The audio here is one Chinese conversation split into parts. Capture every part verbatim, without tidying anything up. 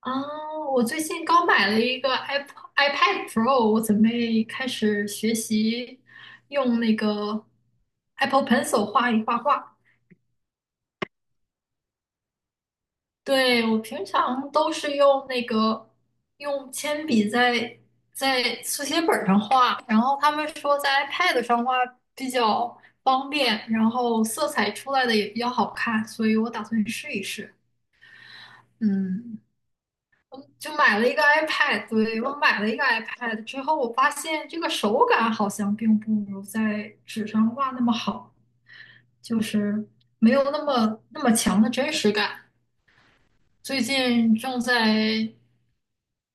啊，我最近刚买了一个 iP iPad Pro，我准备开始学习用那个 Apple Pencil 画一画画。对，我平常都是用那个用铅笔在在速写本儿上画，然后他们说在 iPad 上画比较方便，然后色彩出来的也比较好看，所以我打算试一试。嗯，就买了一个 iPad，对，我买了一个 iPad 之后，我发现这个手感好像并不如在纸上画那么好，就是没有那么那么强的真实感。最近正在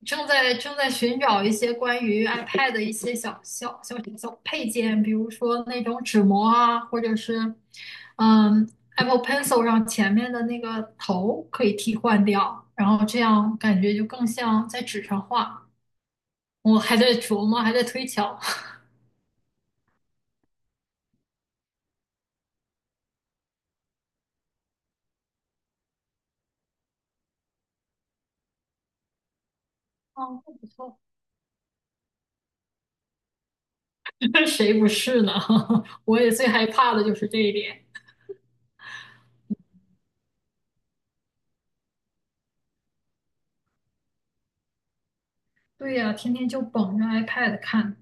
正在正在寻找一些关于 iPad 的一些小小小小配件，比如说那种纸膜啊，或者是嗯 Apple Pencil 上前面的那个头可以替换掉，然后这样感觉就更像在纸上画。我还在琢磨，还在推敲。哦，那不错。谁不是呢？我也最害怕的就是这一点。对呀，天天就捧着 iPad 看。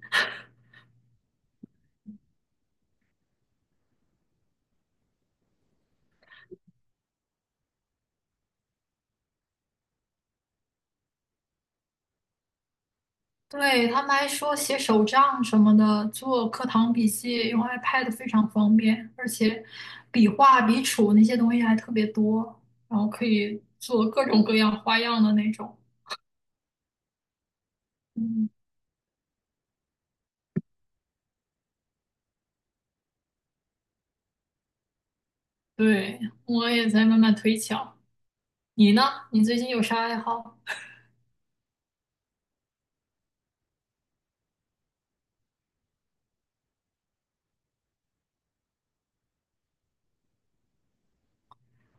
对，他们还说写手账什么的，做课堂笔记用 iPad 非常方便，而且笔画、笔触那些东西还特别多，然后可以做各种各样花样的那种。嗯，对，我也在慢慢推敲。你呢？你最近有啥爱好？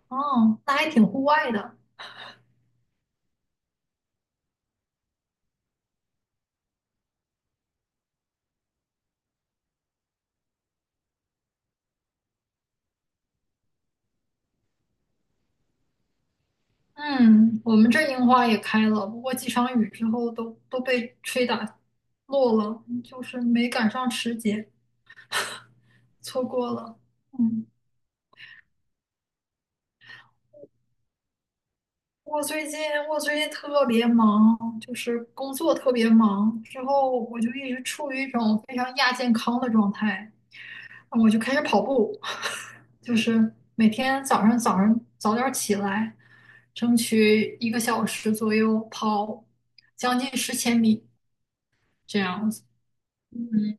哦，那还挺户外的。嗯，我们这樱花也开了，不过几场雨之后都都被吹打落了，就是没赶上时节，错过了。嗯，我最近我最近特别忙，就是工作特别忙，之后我就一直处于一种非常亚健康的状态，我就开始跑步，就是每天早上早上早点起来，争取一个小时左右跑将近十千米这样子。嗯。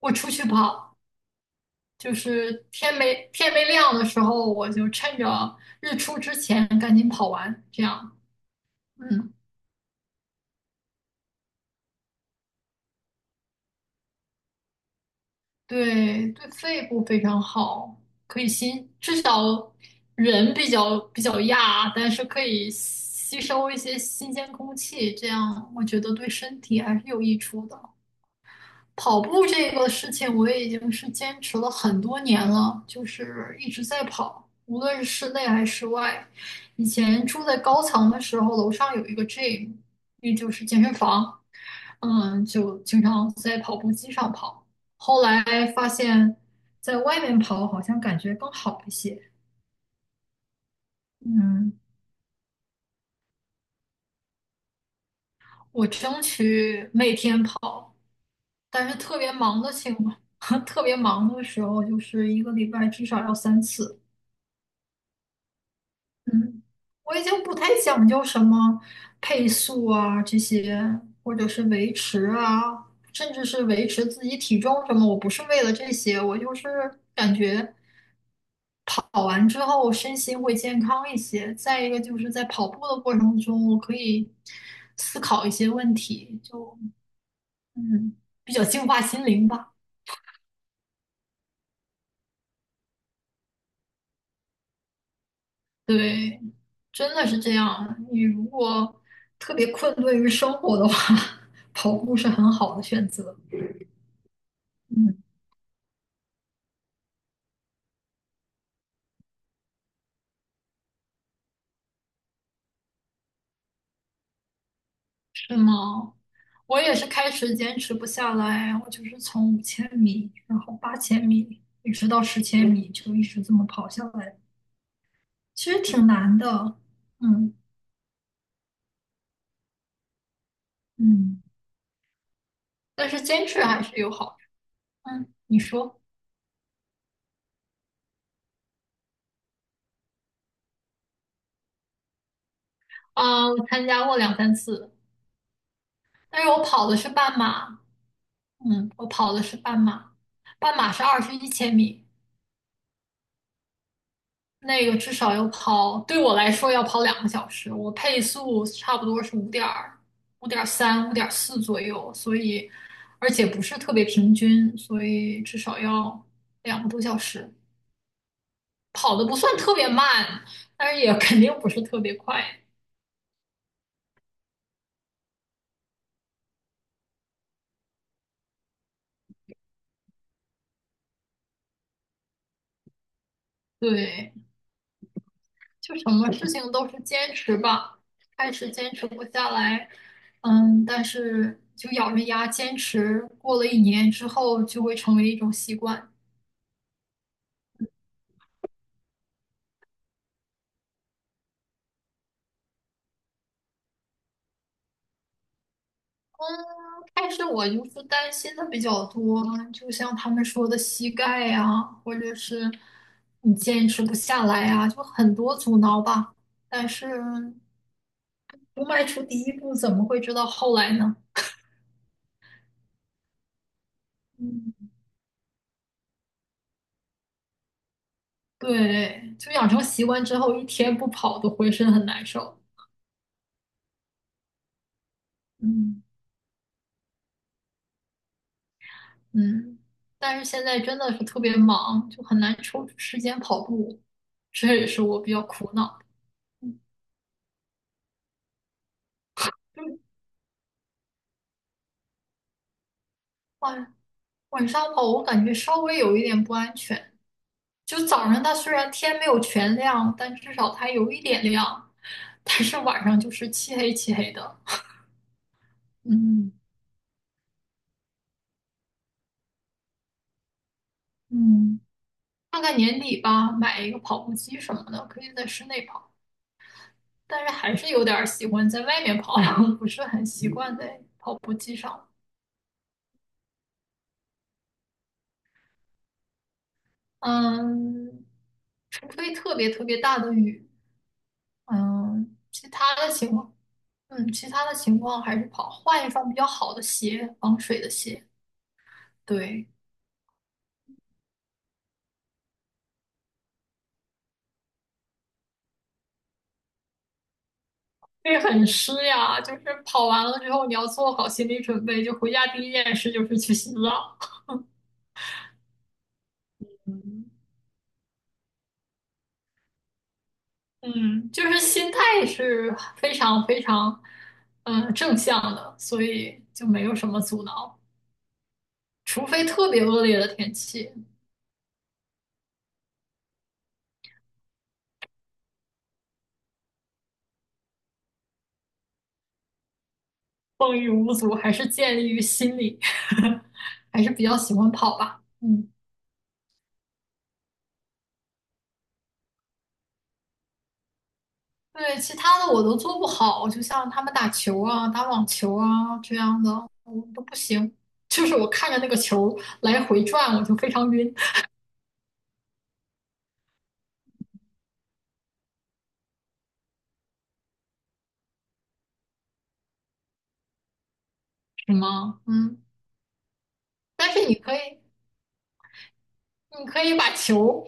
我出去跑，就是天没天没亮的时候，我就趁着日出之前赶紧跑完，这样，嗯，对对，肺部非常好，可以吸，至少人比较比较亚，但是可以吸收一些新鲜空气，这样我觉得对身体还是有益处的。跑步这个事情，我已经是坚持了很多年了，就是一直在跑，无论是室内还是室外。以前住在高层的时候，楼上有一个 gym,也就是健身房，嗯，就经常在跑步机上跑。后来在外面跑，好像感觉更好一些。嗯，我争取每天跑，但是特别忙的情况，特别忙的时候，就是一个礼拜至少要三次。嗯，我已经不太讲究什么配速啊这些，或者是维持啊，甚至是维持自己体重什么，我不是为了这些，我就是感觉跑完之后身心会健康一些。再一个就是在跑步的过程中，我可以思考一些问题，就嗯，比较净化心灵吧。对，真的是这样。你如果特别困顿于生活的话，跑步是很好的选择。嗯。是吗？我也是开始坚持不下来，我就是从五千米，然后八千米，一直到十千米，就一直这么跑下来，其实挺难的，嗯，嗯，但是坚持还是有好处。嗯，你说。啊，我参加过两三次，但是我跑的是半马，嗯，我跑的是半马，半马是二十一千米，那个至少要跑，对我来说要跑两个小时，我配速差不多是五点五点三、五点四左右，所以而且不是特别平均，所以至少要两个多小时。跑的不算特别慢，但是也肯定不是特别快。对，就什么事情都是坚持吧，开始坚持不下来，嗯，但是就咬着牙坚持，过了一年之后就会成为一种习惯。嗯，开始我就是担心的比较多，就像他们说的膝盖呀、或者是你坚持不下来呀、就很多阻挠吧。但是不迈出第一步，怎么会知道后来呢？嗯，对，就养成习惯之后，一天不跑都浑身很难受。嗯，嗯，但是现在真的是特别忙，就很难抽出时间跑步，这也是我比较苦恼的。嗯，就是晚上跑我感觉稍微有一点不安全。就早上它虽然天没有全亮，但至少它有一点亮，但是晚上就是漆黑漆黑的。嗯嗯，看看年底吧，买一个跑步机什么的，可以在室内跑，但是还是有点儿喜欢在外面跑，不是很习惯在跑步机上。嗯，除非特别特别大的雨。嗯，其他的情况，嗯，其他的情况还是跑，换一双比较好的鞋，防水的鞋。对，会很湿呀，就是跑完了之后，你要做好心理准备，就回家第一件事就是去洗澡。嗯，嗯就是心态是非常非常，嗯，正向的，所以就没有什么阻挠，除非特别恶劣的天气，风雨无阻，还是建立于心理，还是比较喜欢跑吧。嗯。对，其他的我都做不好，就像他们打球啊、打网球啊这样的，我都不行。就是我看着那个球来回转，我就非常晕。是吗？嗯，但是你可以，你可以把球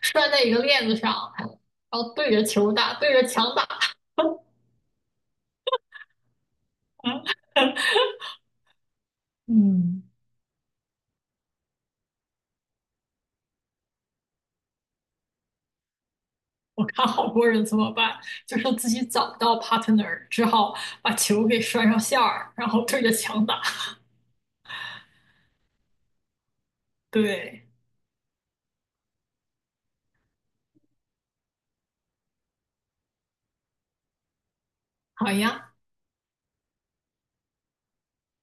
拴在一个链子上，然后对着球打，对着墙打。嗯，我看好多人怎么办，就是自己找不到 partner,只好把球给拴上线儿，然后对着墙打。对，好呀，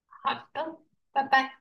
好的，拜拜。